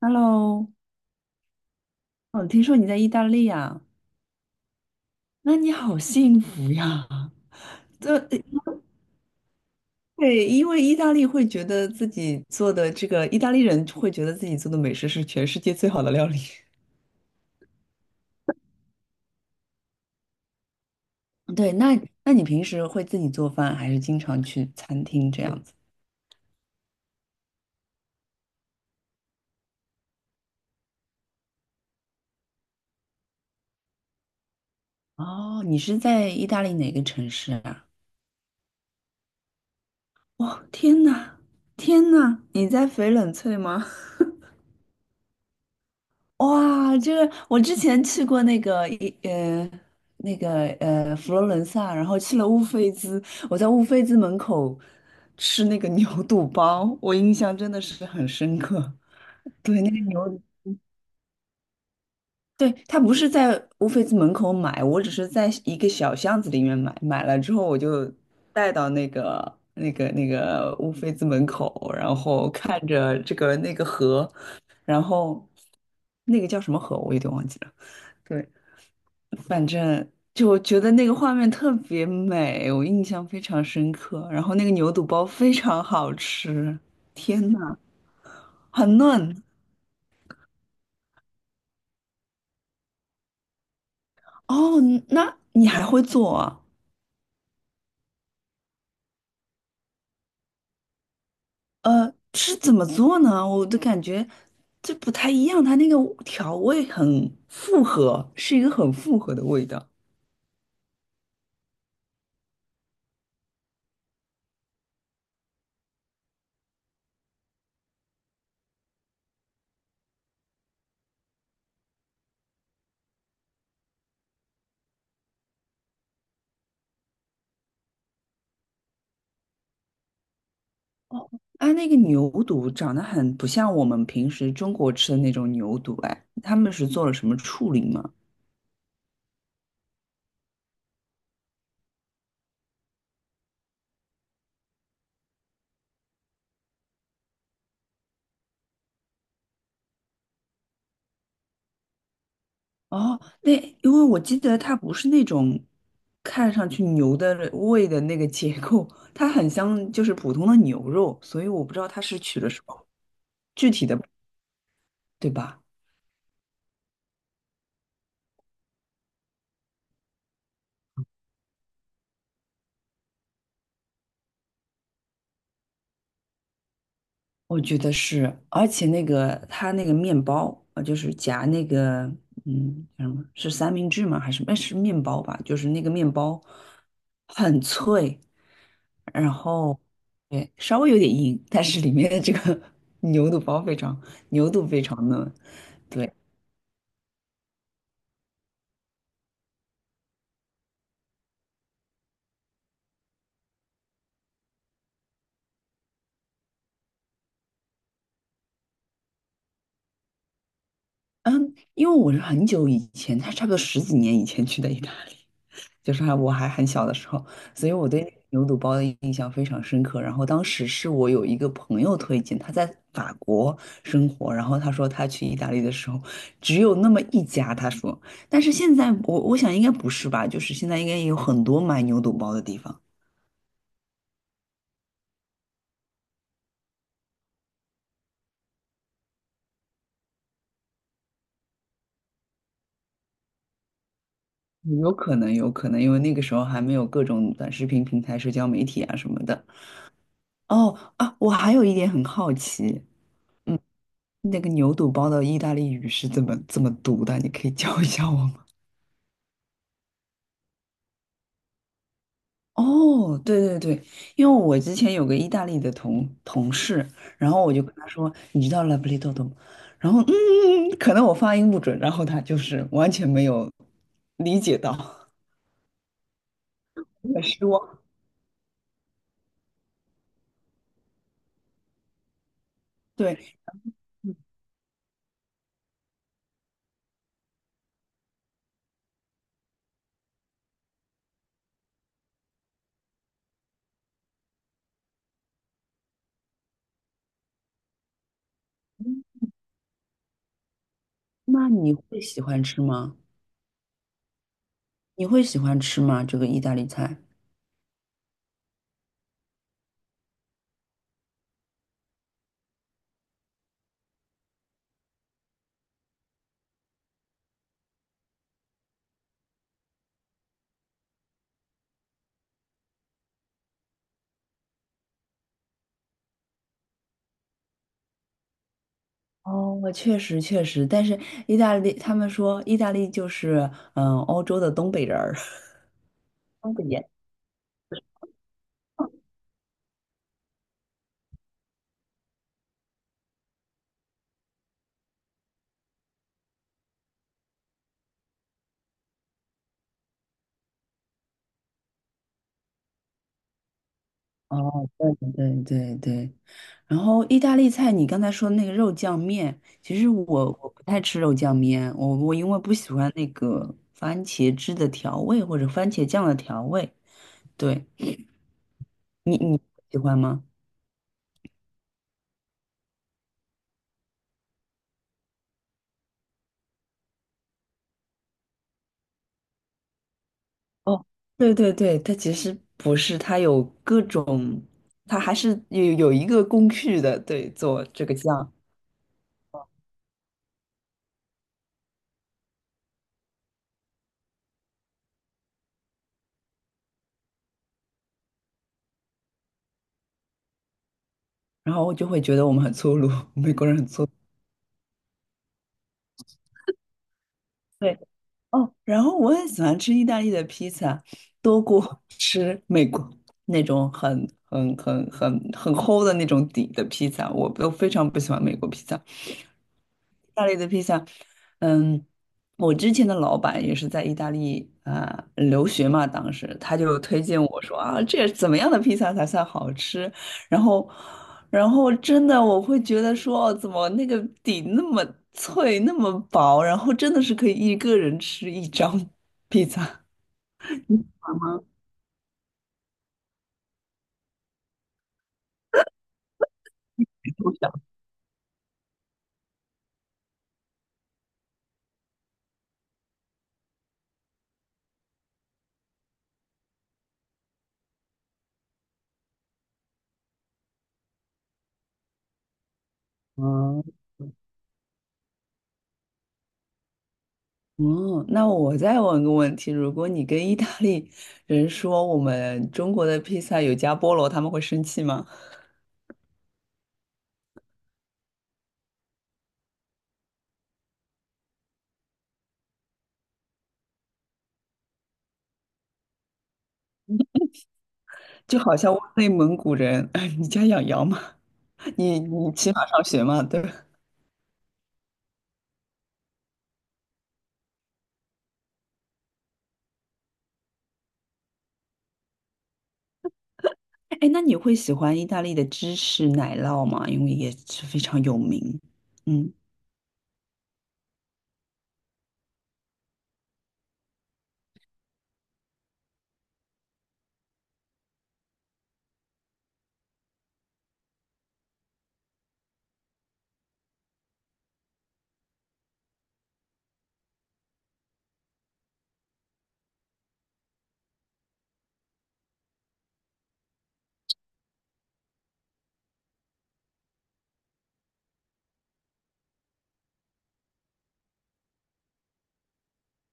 Hello，哦，听说你在意大利呀？那你好幸福呀！这对，因为意大利会觉得自己做的这个，意大利人会觉得自己做的美食是全世界最好的料理。对，那你平时会自己做饭，还是经常去餐厅这样子？哦，你是在意大利哪个城市啊？哇，天呐，天呐，你在翡冷翠吗？哇，这个我之前去过那个一呃那个呃佛罗伦萨，然后去了乌菲兹，我在乌菲兹门口吃那个 牛肚包，我印象真的是很深刻。对，那个牛，对，他不是在乌菲兹门口买，我只是在一个小巷子里面买，买了之后我就带到那个乌菲兹门口，然后看着这个那个河，然后那个叫什么河我有点忘记了。对。反正就我觉得那个画面特别美，我印象非常深刻。然后那个牛肚包非常好吃，天呐，很嫩。哦，那你还会做啊是怎么做呢？我的感觉这不太一样，它那个调味很复合，是一个很复合的味道。哦，它那个牛肚长得很不像我们平时中国吃的那种牛肚，哎，他们是做了什么处理吗？哦，那因为我记得它不是那种看上去牛的胃的那个结构，它很像就是普通的牛肉，所以我不知道它是取了什么具体的，对吧？我觉得是，而且那个它那个面包啊，就是夹那个叫什么是三明治吗？还是哎是面包吧？就是那个面包很脆，然后对稍微有点硬，但是里面的这个 牛肚包非常牛肚非常嫩。对。嗯，因为我是很久以前，他差不多十几年以前去的意大利，就是还我还很小的时候，所以我对牛肚包的印象非常深刻。然后当时是我有一个朋友推荐，他在法国生活，然后他说他去意大利的时候只有那么一家，他说，但是现在我想应该不是吧，就是现在应该也有很多卖牛肚包的地方，有可能有可能，因为那个时候还没有各种短视频平台、社交媒体啊什么的。哦啊，我还有一点很好奇。嗯。那个牛肚包的意大利语是怎么读的？你可以教一下我吗？哦，对对对，因为我之前有个意大利的同事，然后我就跟他说，你知道 l a b r i d o 吗？然后可能我发音不准，然后他就是完全没有理解到，很失望。对，那你会喜欢吃吗？你会喜欢吃吗？这个意大利菜？哦，我确实确实，但是意大利他们说意大利就是欧洲的东北人儿，东北人。哦，对对对对对，然后意大利菜，你刚才说那个肉酱面，其实我不太吃肉酱面，我因为不喜欢那个番茄汁的调味或者番茄酱的调味。对，你喜欢吗？哦，对对对，它其实不是，它有各种，它还是有一个工序的，对，做这个酱，然后我就会觉得我们很粗鲁，美国人很粗。对，哦，然后我很喜欢吃意大利的披萨，多过 吃美国那种很很很很很厚的那种底的披萨，我都非常不喜欢美国披萨。意大利的披萨，嗯，我之前的老板也是在意大利啊、留学嘛，当时他就推荐我说啊，这怎么样的披萨才算好吃？然后，然后，真的我会觉得说，哦，怎么那个底那么脆，那么薄，然后真的是可以一个人吃一张 披萨。嗯，嗯，那我再问个问题，如果你跟意大利人说我们中国的披萨有加菠萝，他们会生气吗？就好像问内蒙古人，哎，你家养羊吗？你骑马上学吗？对吧？哎，那你会喜欢意大利的芝士奶酪吗？因为也是非常有名。嗯，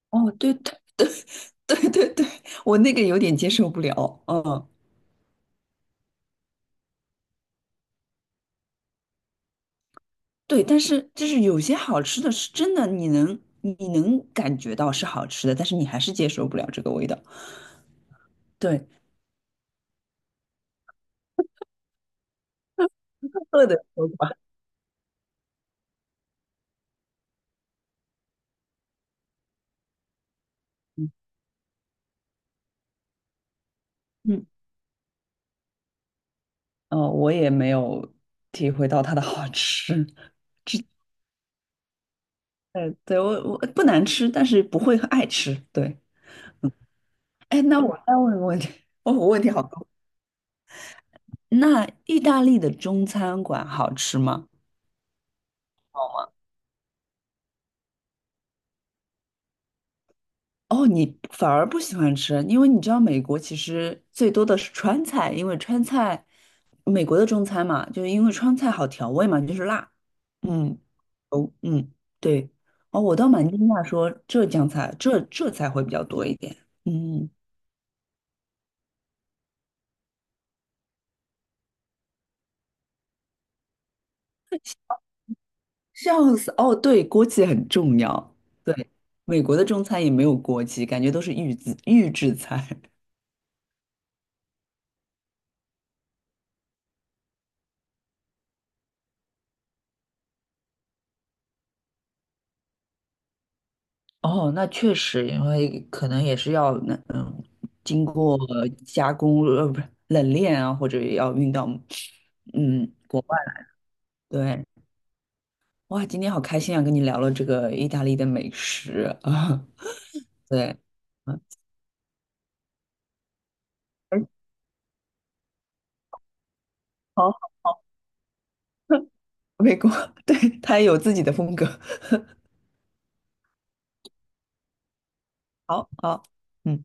哦，对对对对对，我那个有点接受不了。嗯，对，但是就是有些好吃的是真的，你能感觉到是好吃的，但是你还是接受不了这个味道。对，饿的时候吧，嗯，哦，我也没有体会到它的好吃。对，我不难吃，但是不会爱吃。对，哎，那我再问个问题，哦，我问题好多。那意大利的中餐馆好吃吗？哦，你反而不喜欢吃，因为你知道美国其实最多的是川菜，因为川菜，美国的中餐嘛，就是因为川菜好调味嘛，就是辣。嗯，哦，嗯，对，哦，我倒蛮惊讶说浙江菜，浙菜会比较多一点。嗯。笑死！哦，对，锅气很重要。对，美国的中餐也没有锅气，感觉都是预制菜。哦，那确实，因为可能也是要经过加工，不是冷链啊，或者也要运到，嗯，对。哇，今天好开心啊，跟你聊了这个意大利的美食啊，对，嗯，哎好，美国，对，它也有自己的风格。好，好，嗯。